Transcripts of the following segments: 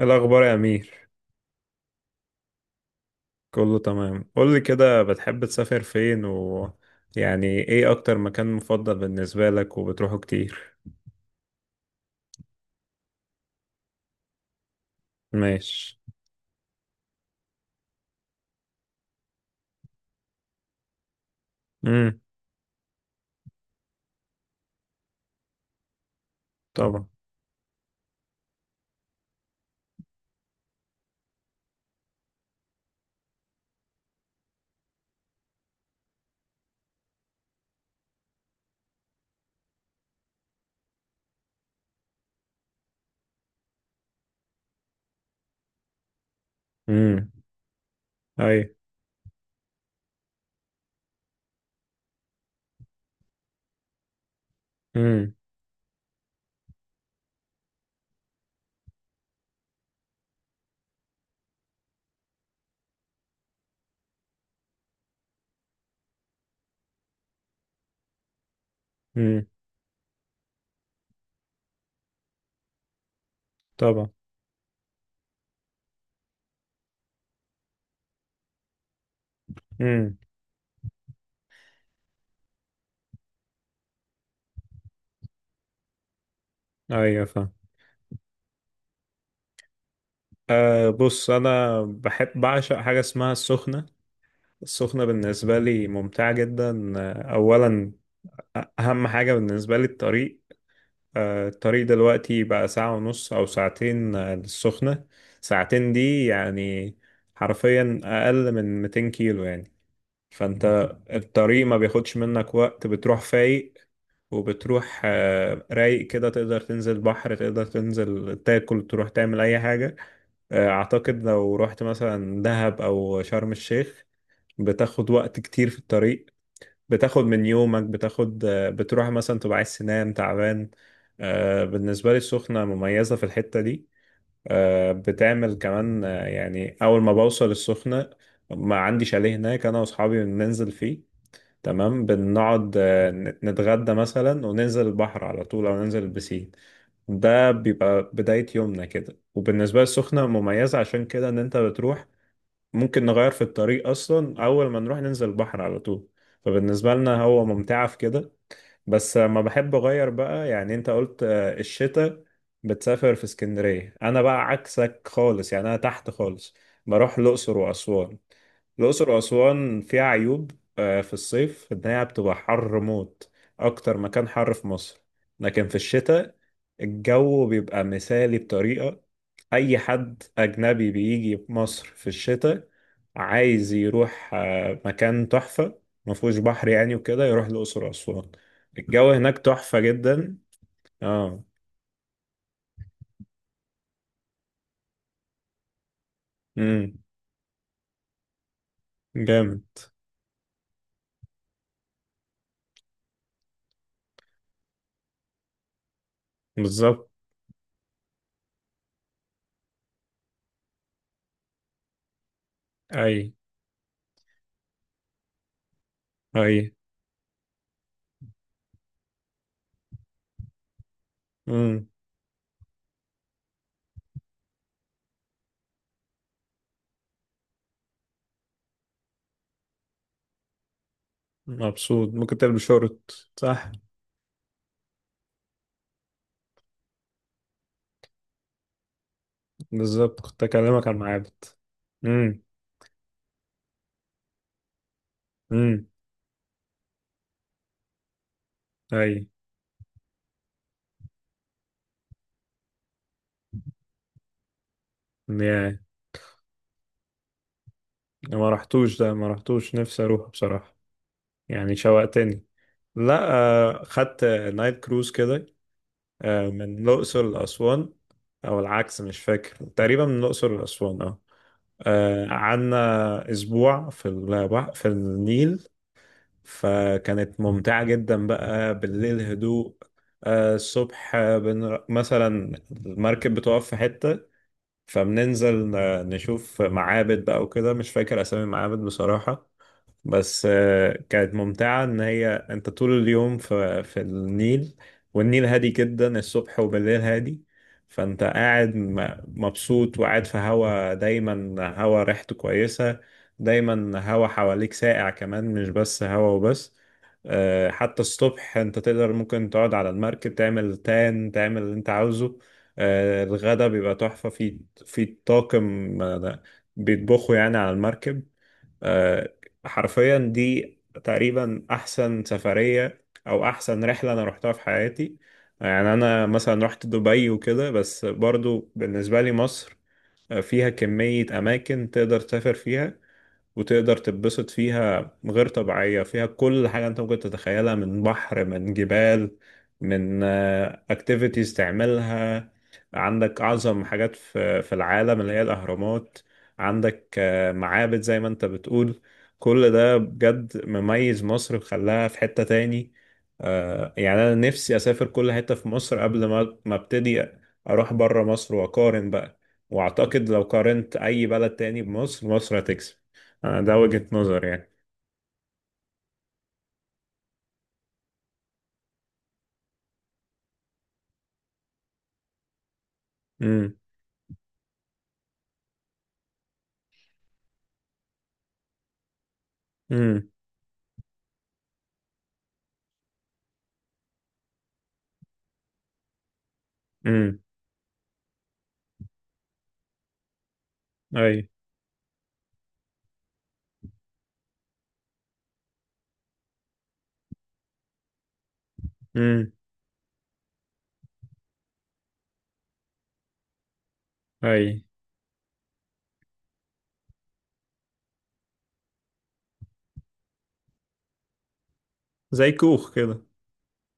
الأخبار يا أمير. كله تمام. قولي كده، بتحب تسافر فين يعني إيه أكتر مكان مفضل بالنسبة لك وبتروحه كتير؟ ماشي. امم. طبعا. امم. أي. امم. امم. طبعا. امم. أيوة، فاهم. أه، بص، أنا بحب، بعشق حاجة اسمها السخنة. السخنة بالنسبة لي ممتعة جدا. أولا أهم حاجة بالنسبة لي الطريق. الطريق دلوقتي بقى ساعة ونص أو ساعتين للسخنة. ساعتين دي يعني حرفيا أقل من 200 كيلو يعني. فأنت الطريق ما بياخدش منك وقت، بتروح فايق وبتروح رايق كده، تقدر تنزل بحر، تقدر تنزل تاكل، تروح تعمل أي حاجة. أعتقد لو رحت مثلا دهب أو شرم الشيخ بتاخد وقت كتير في الطريق، بتاخد من يومك، بتاخد بتروح مثلا تبقى عايز تنام تعبان. بالنسبة لي السخنة مميزة في الحتة دي. بتعمل كمان يعني أول ما بوصل السخنة ما عندي شاليه هناك أنا وأصحابي بننزل فيه تمام. بنقعد نتغدى مثلا وننزل البحر على طول أو ننزل البسين. ده بيبقى بداية يومنا كده. وبالنسبة للسخنة مميزة عشان كده إن أنت بتروح ممكن نغير في الطريق، اصلا اول ما نروح ننزل البحر على طول. فبالنسبه لنا هو ممتعه في كده. بس ما بحب اغير بقى. يعني انت قلت الشتاء بتسافر في اسكندرية، انا بقى عكسك خالص، يعني انا تحت خالص، بروح الاقصر واسوان. الاقصر واسوان فيها عيوب في الصيف، ان هي بتبقى حر موت، اكتر مكان حر في مصر. لكن في الشتاء الجو بيبقى مثالي بطريقة. اي حد اجنبي بيجي مصر في الشتاء عايز يروح مكان تحفة مفهوش بحر يعني وكده يروح الأقصر وأسوان. الجو هناك تحفة جدا. اه. امم. جامد. بالظبط. اي. اي. امم. مبسوط ممكن تلبس شورت، صح. بالظبط كنت اكلمك عن معابد. امم. امم. اي. يعني ما رحتوش ده، ما رحتوش، نفسي اروح بصراحة. يعني شوقتني. لا، خدت نايت كروز كده من الأقصر لأسوان. أو العكس، مش فاكر، تقريبا من الأقصر لأسوان اه. قعدنا أسبوع في البحر في النيل. فكانت ممتعة جدا بقى. بالليل هدوء. الصبح مثلا المركب بتقف في حتة فبننزل نشوف معابد بقى وكده. مش فاكر أسامي المعابد بصراحة. بس كانت ممتعة إن هي أنت طول اليوم في النيل. والنيل هادي جدا الصبح وبالليل هادي. فأنت قاعد مبسوط وقاعد في هوا، دايما هوا ريحته كويسة، دايما هوا حواليك ساقع، كمان مش بس هوا وبس. حتى الصبح أنت تقدر، ممكن تقعد على المركب، تعمل تان، تعمل اللي أنت عاوزه. الغدا بيبقى تحفة في في طاقم بيطبخوا يعني على المركب. آه، حرفيا دي تقريبا احسن سفرية او احسن رحلة انا روحتها في حياتي. يعني انا مثلا رحت دبي وكده، بس برضو بالنسبة لي مصر فيها كمية اماكن تقدر تسافر فيها وتقدر تتبسط فيها غير طبيعية. فيها كل حاجة انت ممكن تتخيلها، من بحر، من جبال، من اكتيفيتيز تعملها. عندك اعظم حاجات في العالم اللي هي الاهرامات. عندك معابد زي ما انت بتقول. كل ده بجد مميز مصر وخلاها في حتة تاني. يعني انا نفسي اسافر كل حتة في مصر قبل ما ابتدي اروح بره مصر واقارن بقى. واعتقد لو قارنت اي بلد تاني بمصر، مصر هتكسب. ده وجهة نظر يعني. امم. امم. امم. اي. امم. اي. زي كوخ كده.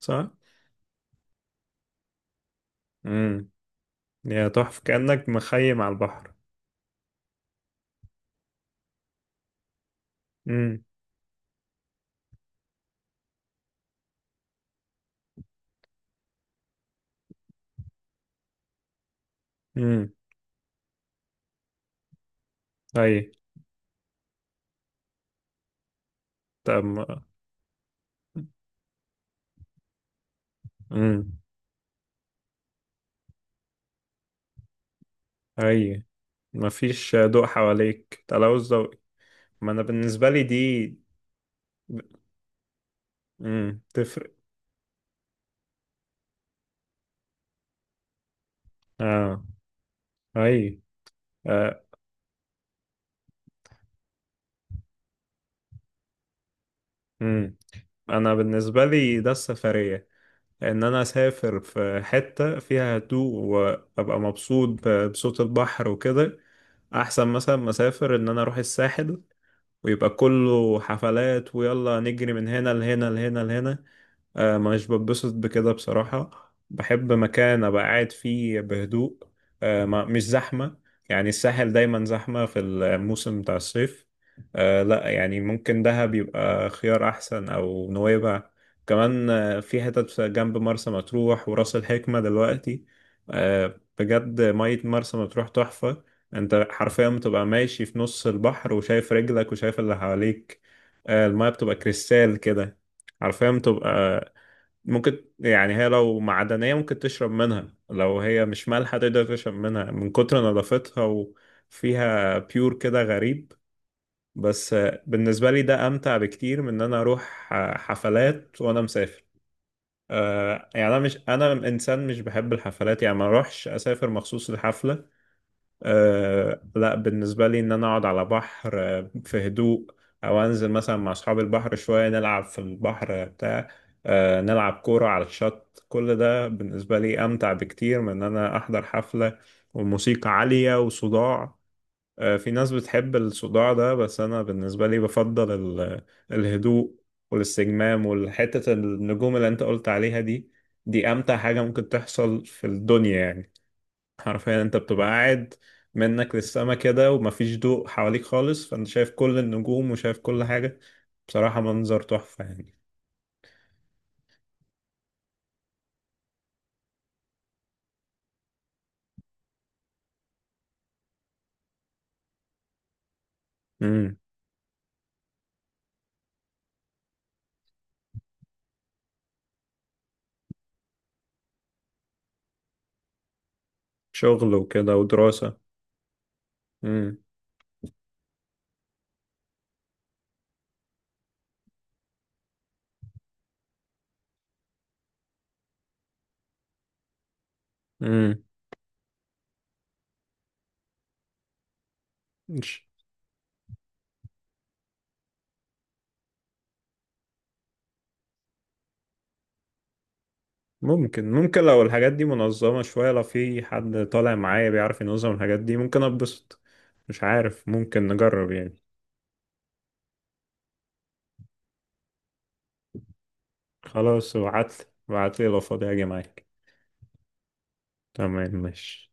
صح. امم. يا تحفة، كأنك مخيم على البحر. امم. امم. اي. طب امم. اي. مفيش ضوء حواليك، تلوث ضوئي. ما انا بالنسبة لي دي. امم، تفرق. اه. اي. آه. امم. انا بالنسبة لي ده السفرية، ان انا اسافر في حتة فيها هدوء وابقى مبسوط بصوت البحر وكده. احسن مثلا ما اسافر ان انا اروح الساحل ويبقى كله حفلات ويلا نجري من هنا لهنا لهنا لهنا. مش بتبسط بكده بصراحة. بحب مكان أبقى قاعد فيه بهدوء، مش زحمة. يعني الساحل دايما زحمة في الموسم بتاع الصيف. لا، يعني ممكن دهب يبقى خيار أحسن أو نويبع. كمان في حتت جنب مرسى مطروح وراس الحكمة دلوقتي. بجد مية مرسى مطروح تحفة. انت حرفيا بتبقى ماشي في نص البحر وشايف رجلك وشايف اللي حواليك. المية بتبقى كريستال كده، عارفين، تبقى ممكن، يعني هي لو معدنية ممكن تشرب منها، لو هي مش مالحة تقدر تشرب منها من كتر نظافتها. وفيها بيور كده غريب. بس بالنسبة لي ده أمتع بكتير من إن أنا أروح حفلات وأنا مسافر. يعني أنا إنسان مش بحب الحفلات يعني. ما أروحش أسافر مخصوص لحفلة. أه لا، بالنسبة لي إن أنا أقعد على بحر في هدوء أو أنزل مثلا مع أصحاب البحر شوية نلعب في البحر بتاع. أه نلعب كورة على الشط. كل ده بالنسبة لي أمتع بكتير من إن أنا أحضر حفلة وموسيقى عالية وصداع. أه في ناس بتحب الصداع ده، بس أنا بالنسبة لي بفضل الهدوء والاستجمام والحتة النجوم اللي أنت قلت عليها دي. دي أمتع حاجة ممكن تحصل في الدنيا يعني. حرفيا انت بتبقى قاعد منك للسما كده ومفيش ضوء حواليك خالص، فانت شايف كل النجوم وشايف كل حاجة. بصراحة منظر تحفة يعني. امم. شغل وكده ودراسة. امم. امم. مش- ممكن، ممكن لو الحاجات دي منظمة شوية، لو في حد طالع معايا بيعرف ينظم الحاجات دي ممكن اتبسط. مش عارف، ممكن نجرب يعني. خلاص ابعتلي، ابعتلي، لو فاضي هاجي معاك. تمام، ماشي.